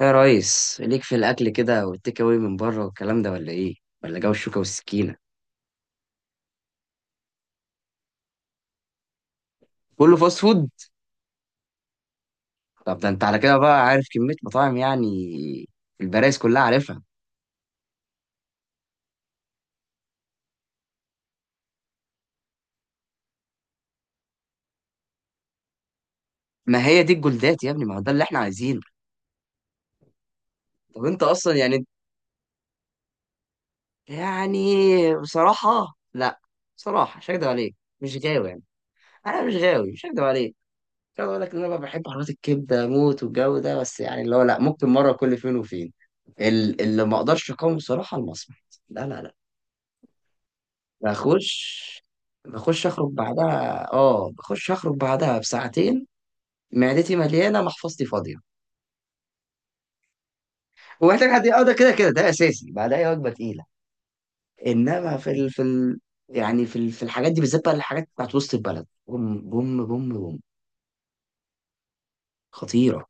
ايه يا ريس ليك في الاكل كده والتيك اواي من بره والكلام ده ولا ايه ولا جو الشوكه والسكينه؟ كله فاست فود. طب ده انت على كده بقى عارف كميه مطاعم يعني، البرايس كلها عارفها. ما هي دي الجولدات يا ابني، ما هو ده اللي احنا عايزينه. طب انت اصلا يعني، يعني بصراحه لا، بصراحه مش هكدب عليك مش غاوي يعني. انا مش غاوي مش هكدب عليك. مش هقدر اقول لك ان انا بقى بحب حلويات الكبده موت والجو ده، بس يعني اللي هو لا، ممكن مره كل فين وفين. اللي ما اقدرش اقاوم بصراحه المصمت. لا لا لا. بخش، بخش اخرج بعدها، اه بخش اخرج بعدها بساعتين. معدتي مليانه، محفظتي فاضيه، ومحتاج حد. اه ده كده كده ده اساسي بعدها، هي وجبه تقيله. انما يعني في الحاجات دي بالذات بقى، الحاجات بتاعت وسط البلد، بوم بوم بوم بوم. خطيره،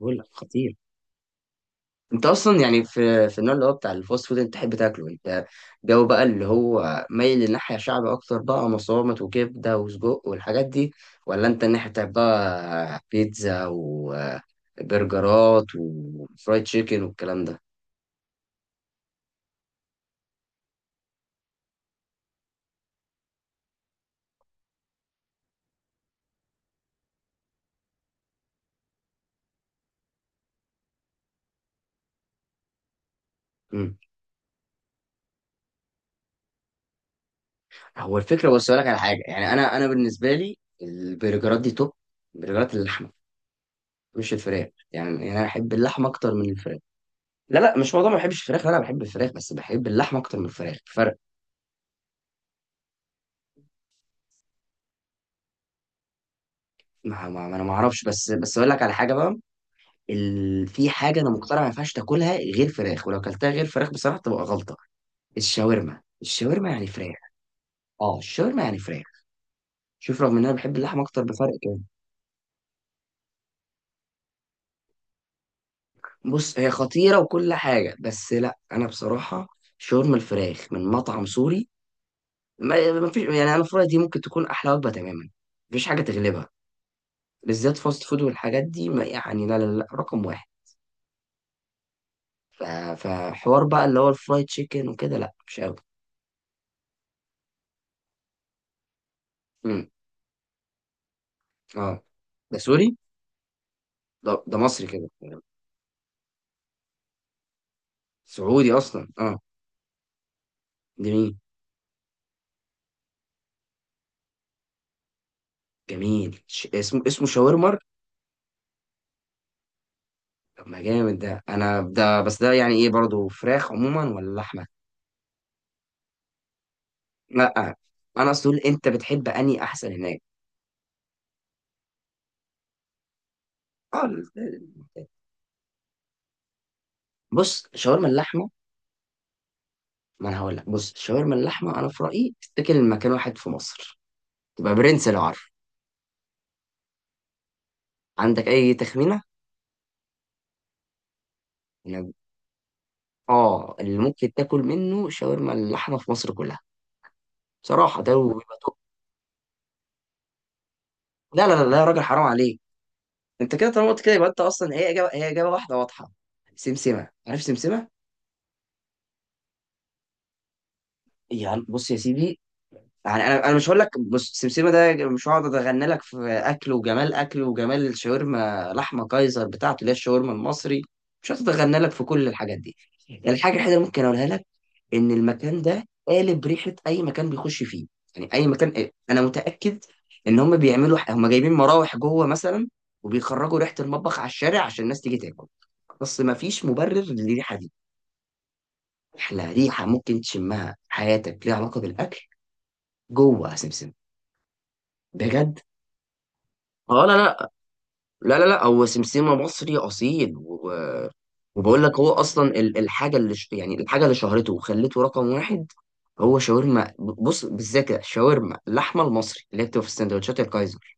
بقول لك خطيره. انت اصلا يعني، في النوع اللي هو بتاع الفاست فود انت تحب تاكله انت، جو بقى اللي هو مايل للناحيه شعبي اكتر بقى، مصامت وكبده وسجق والحاجات دي، ولا انت الناحيه بتاعت بقى بيتزا وبرجرات وفرايد تشيكن والكلام ده؟ مم. هو الفكره، بص اقول لك على حاجه، يعني انا بالنسبه لي البرجرات دي توب. برجرات اللحمه مش الفراخ، يعني يعني انا احب اللحمه اكتر من الفراخ. لا لا، مش موضوع ما بحبش الفراخ، لا انا بحب الفراخ بس بحب اللحمه اكتر من الفراخ. ما انا ما اعرفش، بس اقول لك على حاجه بقى. في حاجه انا مقتنع ما ينفعش تاكلها غير فراخ، ولو اكلتها غير فراخ بصراحه تبقى غلطه. الشاورما يعني فراخ. اه الشاورما يعني فراخ. شوف، رغم ان انا بحب اللحمه اكتر بفرق كام، بص هي خطيره وكل حاجه، بس لا انا بصراحه شاورما الفراخ من مطعم سوري، ما فيش، يعني انا في رأيي دي ممكن تكون احلى وجبه تماما، مفيش حاجه تغلبها، بالذات فاست فود والحاجات دي، ما يعني لا لا لا، رقم واحد. ف... فحوار بقى اللي هو الفرايد تشيكن وكده لا مش قوي. اه ده سوري، ده ده مصري كده. سعودي اصلا اه. جميل جميل، اسمه اسمه شاورما. طب ما جامد ده، انا ده بس ده يعني ايه برضه، فراخ عموما ولا لحمه؟ لا انا اصل أقول انت بتحب اني احسن هناك. اه بص شاورما اللحمه، ما انا هقول لك، بص شاورما اللحمه انا في رايي تتاكل مكان واحد في مصر، تبقى برنس لو عارف، عندك اي تخمينه يعني؟ اه اللي ممكن تاكل منه شاورما اللحمه في مصر كلها بصراحه ده، ويبقى لا لا لا لا يا راجل حرام عليك. انت كده طالما قلت كده يبقى انت اصلا، هي اجابه، هي اجابه واحده واضحه. سمسمه، عارف سمسمه؟ يعني بص يا سيدي، يعني انا مش هقول لك بص سمسمه ده، مش هقعد اتغنى لك في اكله وجمال اكله وجمال الشاورما لحمه كايزر بتاعته اللي هي الشاورما المصري، مش هقعد اتغنى لك في كل الحاجات دي. يعني الحاجه الوحيده اللي ممكن اقولها لك ان المكان ده قالب ريحه اي مكان بيخش فيه. يعني اي مكان، انا متاكد ان هم بيعملوا، هم جايبين مراوح جوه مثلا وبيخرجوا ريحه المطبخ على الشارع عشان الناس تيجي تاكل، بس مفيش مبرر للريحه دي. احلى ريحه ممكن تشمها في حياتك ليها علاقه بالاكل جوه سمسم. بجد. اه لا لا. لا لا لا هو سمسمة مصري أصيل و... وبقول لك هو أصلا الحاجة اللي يعني الحاجة اللي شهرته وخلته رقم واحد، هو شاورما، بص بالذات كده، شاورما اللحمة المصري اللي هي بتبقى في السندوتشات الكايزر،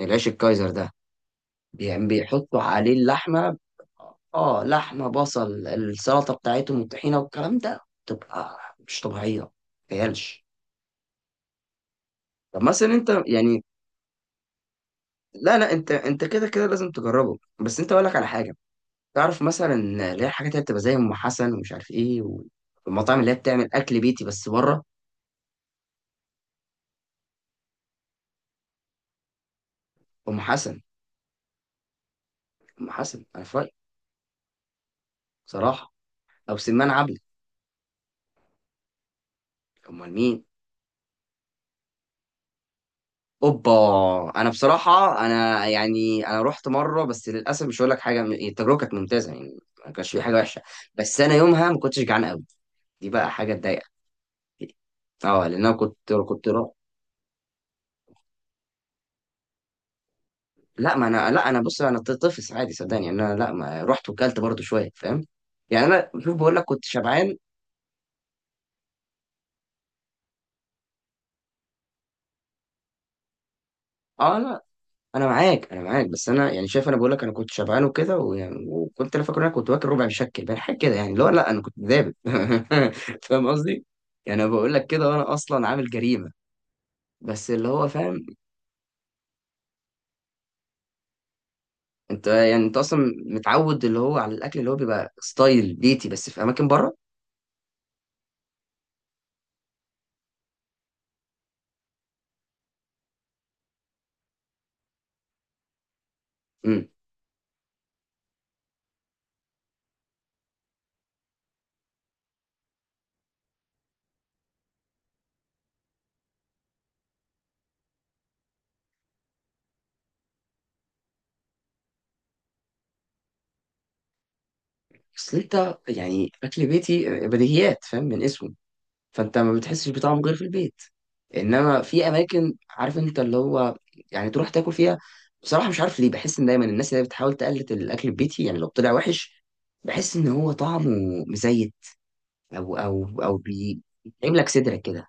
العيش الكايزر ده، يعني بيحطوا عليه اللحمة. اه لحمة، بصل، السلطة بتاعتهم والطحينة والكلام ده، تبقى مش طبيعية، متخيلش. طب مثلا انت يعني، لا لا انت انت كده كده لازم تجربه، بس انت اقول لك على حاجة، تعرف مثلا اللي هي الحاجات اللي بتبقى زي ام حسن ومش عارف ايه، والمطاعم اللي هي بتعمل اكل بيتي بس بره؟ ام حسن، ام حسن انا في رايي بصراحه، او سمان عبلة. امال مين؟ اوبا. انا بصراحه انا يعني انا رحت مره، بس للاسف مش هقول لك حاجه، التجربه كانت ممتازه يعني، ما كانش في حاجه وحشه، بس انا يومها ما كنتش جعان قوي، دي بقى حاجه تضايق. اه لان انا كنت لا ما انا، لا انا بص، انا طفل عادي صدقني، يعني انا لا ما رحت وكلت برضو شويه فاهم، يعني انا شوف بقول لك كنت شبعان. اه لا انا معاك، انا معاك، بس انا يعني شايف، انا بقول لك انا كنت شبعان وكده، ويعني وكنت انا فاكر إن انا كنت واكل ربع مشكل بقى حاجه كده، يعني لا لا انا كنت دابب فاهم قصدي؟ يعني انا بقول لك كده وانا اصلا عامل جريمه، بس اللي هو فاهم. انت يعني انت اصلا متعود اللي هو على الاكل اللي هو بيبقى ستايل بيتي بس في اماكن بره. امم. اصل انت يعني اكل بيتي بديهيات، فاهم من اسمه، فانت ما بتحسش بطعم غير في البيت. انما في اماكن، عارف انت اللي هو يعني تروح تاكل فيها، بصراحه مش عارف ليه بحس ان دايما الناس اللي هي بتحاول تقلد الاكل البيتي، يعني لو طلع وحش بحس ان هو طعمه مزيت، او بيتعمل لك صدرك كده.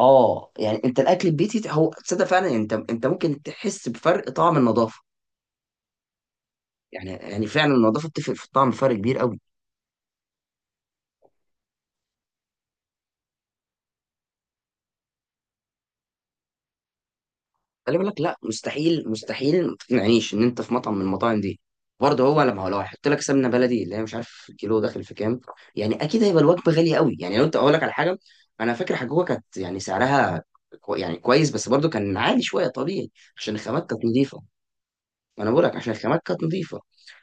اه يعني انت الاكل البيتي هو، تصدق فعلا انت انت ممكن تحس بفرق طعم النظافه، يعني يعني فعلا النظافه بتفرق في الطعم فرق كبير قوي. خلي بالك، لا مستحيل، مستحيل ما تقنعنيش ان انت في مطعم من المطاعم دي برضه هو، لما هو لو هيحط لك سمنه بلدي اللي هي مش عارف الكيلو داخل في كام، يعني اكيد هيبقى الوجبه غاليه قوي، يعني لو انت اقول لك على حاجه انا فاكر حجوجه كانت يعني سعرها كو يعني كويس، بس برضه كان عالي شويه طبيعي عشان الخامات كانت نظيفه. انا بقول لك عشان الخامات كانت نظيفه،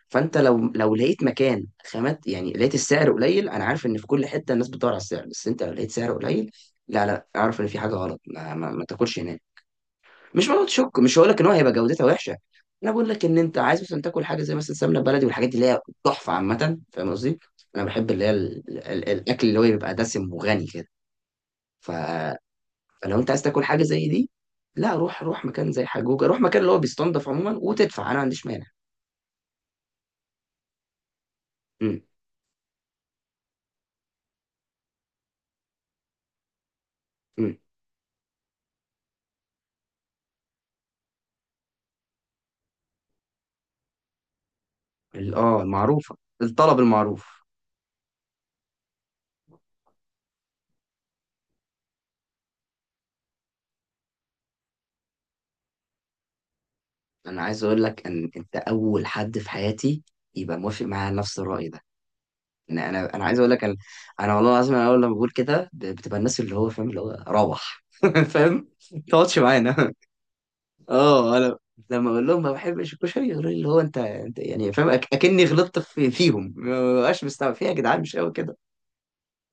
فانت لو لقيت مكان خامات يعني لقيت السعر قليل، انا عارف ان في كل حته الناس بتدور على السعر، بس انت لو لقيت سعر قليل لا، لا اعرف ان في حاجه غلط، ما تاكلش هناك. مش موضوع شك، مش هقول لك ان هو هيبقى جودتها وحشه، انا بقول لك ان انت عايز مثلا تاكل حاجه زي مثلا سمنه بلدي والحاجات دي اللي هي تحفه عامه، فاهم قصدي. انا بحب اللي هي الاكل اللي هو بيبقى دسم وغني كده، ف... فلو انت عايز تاكل حاجه زي دي لا روح، روح مكان زي حجوجه، روح مكان اللي هو بيستنضف عموما وتدفع، انا ما عنديش مانع. امم. امم. اه المعروفه، الطلب المعروف. انا عايز اقول لك ان انت اول حد في حياتي يبقى موافق معايا على نفس الراي ده، إن انا انا عايز اقول لك، انا انا والله العظيم انا اول لما بقول كده بتبقى الناس اللي هو فاهم اللي هو روح فاهم ما تقعدش معانا. اه انا لما اقول لهم ما بحبش الكشري يقولوا لي اللي هو انت انت يعني فاهم، اكني غلطت في فيهم، ما بقاش مستوعب فيها يا جدعان، مش قوي كده،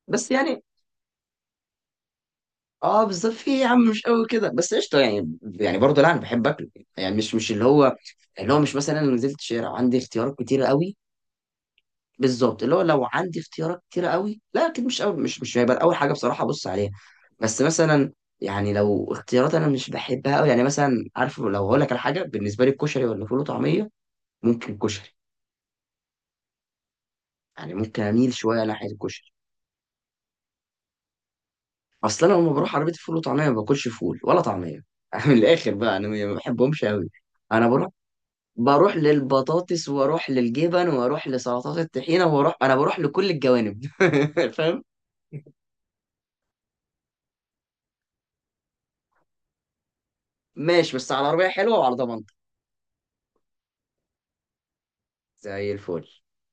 بس يعني اه بالظبط، في إيه يا عم مش قوي كده، بس قشطه يعني، يعني برضه لا انا بحب اكله يعني، مش اللي هو، اللي هو مش مثلا انا نزلت شارع عندي اختيارات كتيره قوي. بالظبط اللي هو لو عندي اختيارات كتيرة قوي لا اكيد مش أول، مش هيبقى اول حاجة بصراحة ابص عليها، بس مثلا يعني لو اختيارات انا مش بحبها قوي، يعني مثلا عارف لو هقول لك على حاجة بالنسبة لي الكشري ولا فول وطعمية، ممكن الكشري، يعني ممكن اميل شوية ناحية الكشري. اصل انا لما بروح عربية فول وطعمية ما باكلش فول ولا طعمية من الاخر بقى انا ما بحبهمش قوي. انا بروح بروح للبطاطس واروح للجبن واروح لسلطات الطحينة واروح، انا بروح لكل الجوانب فاهم. ماشي، بس على عربية حلوة وعلى ضمان. زي الفل.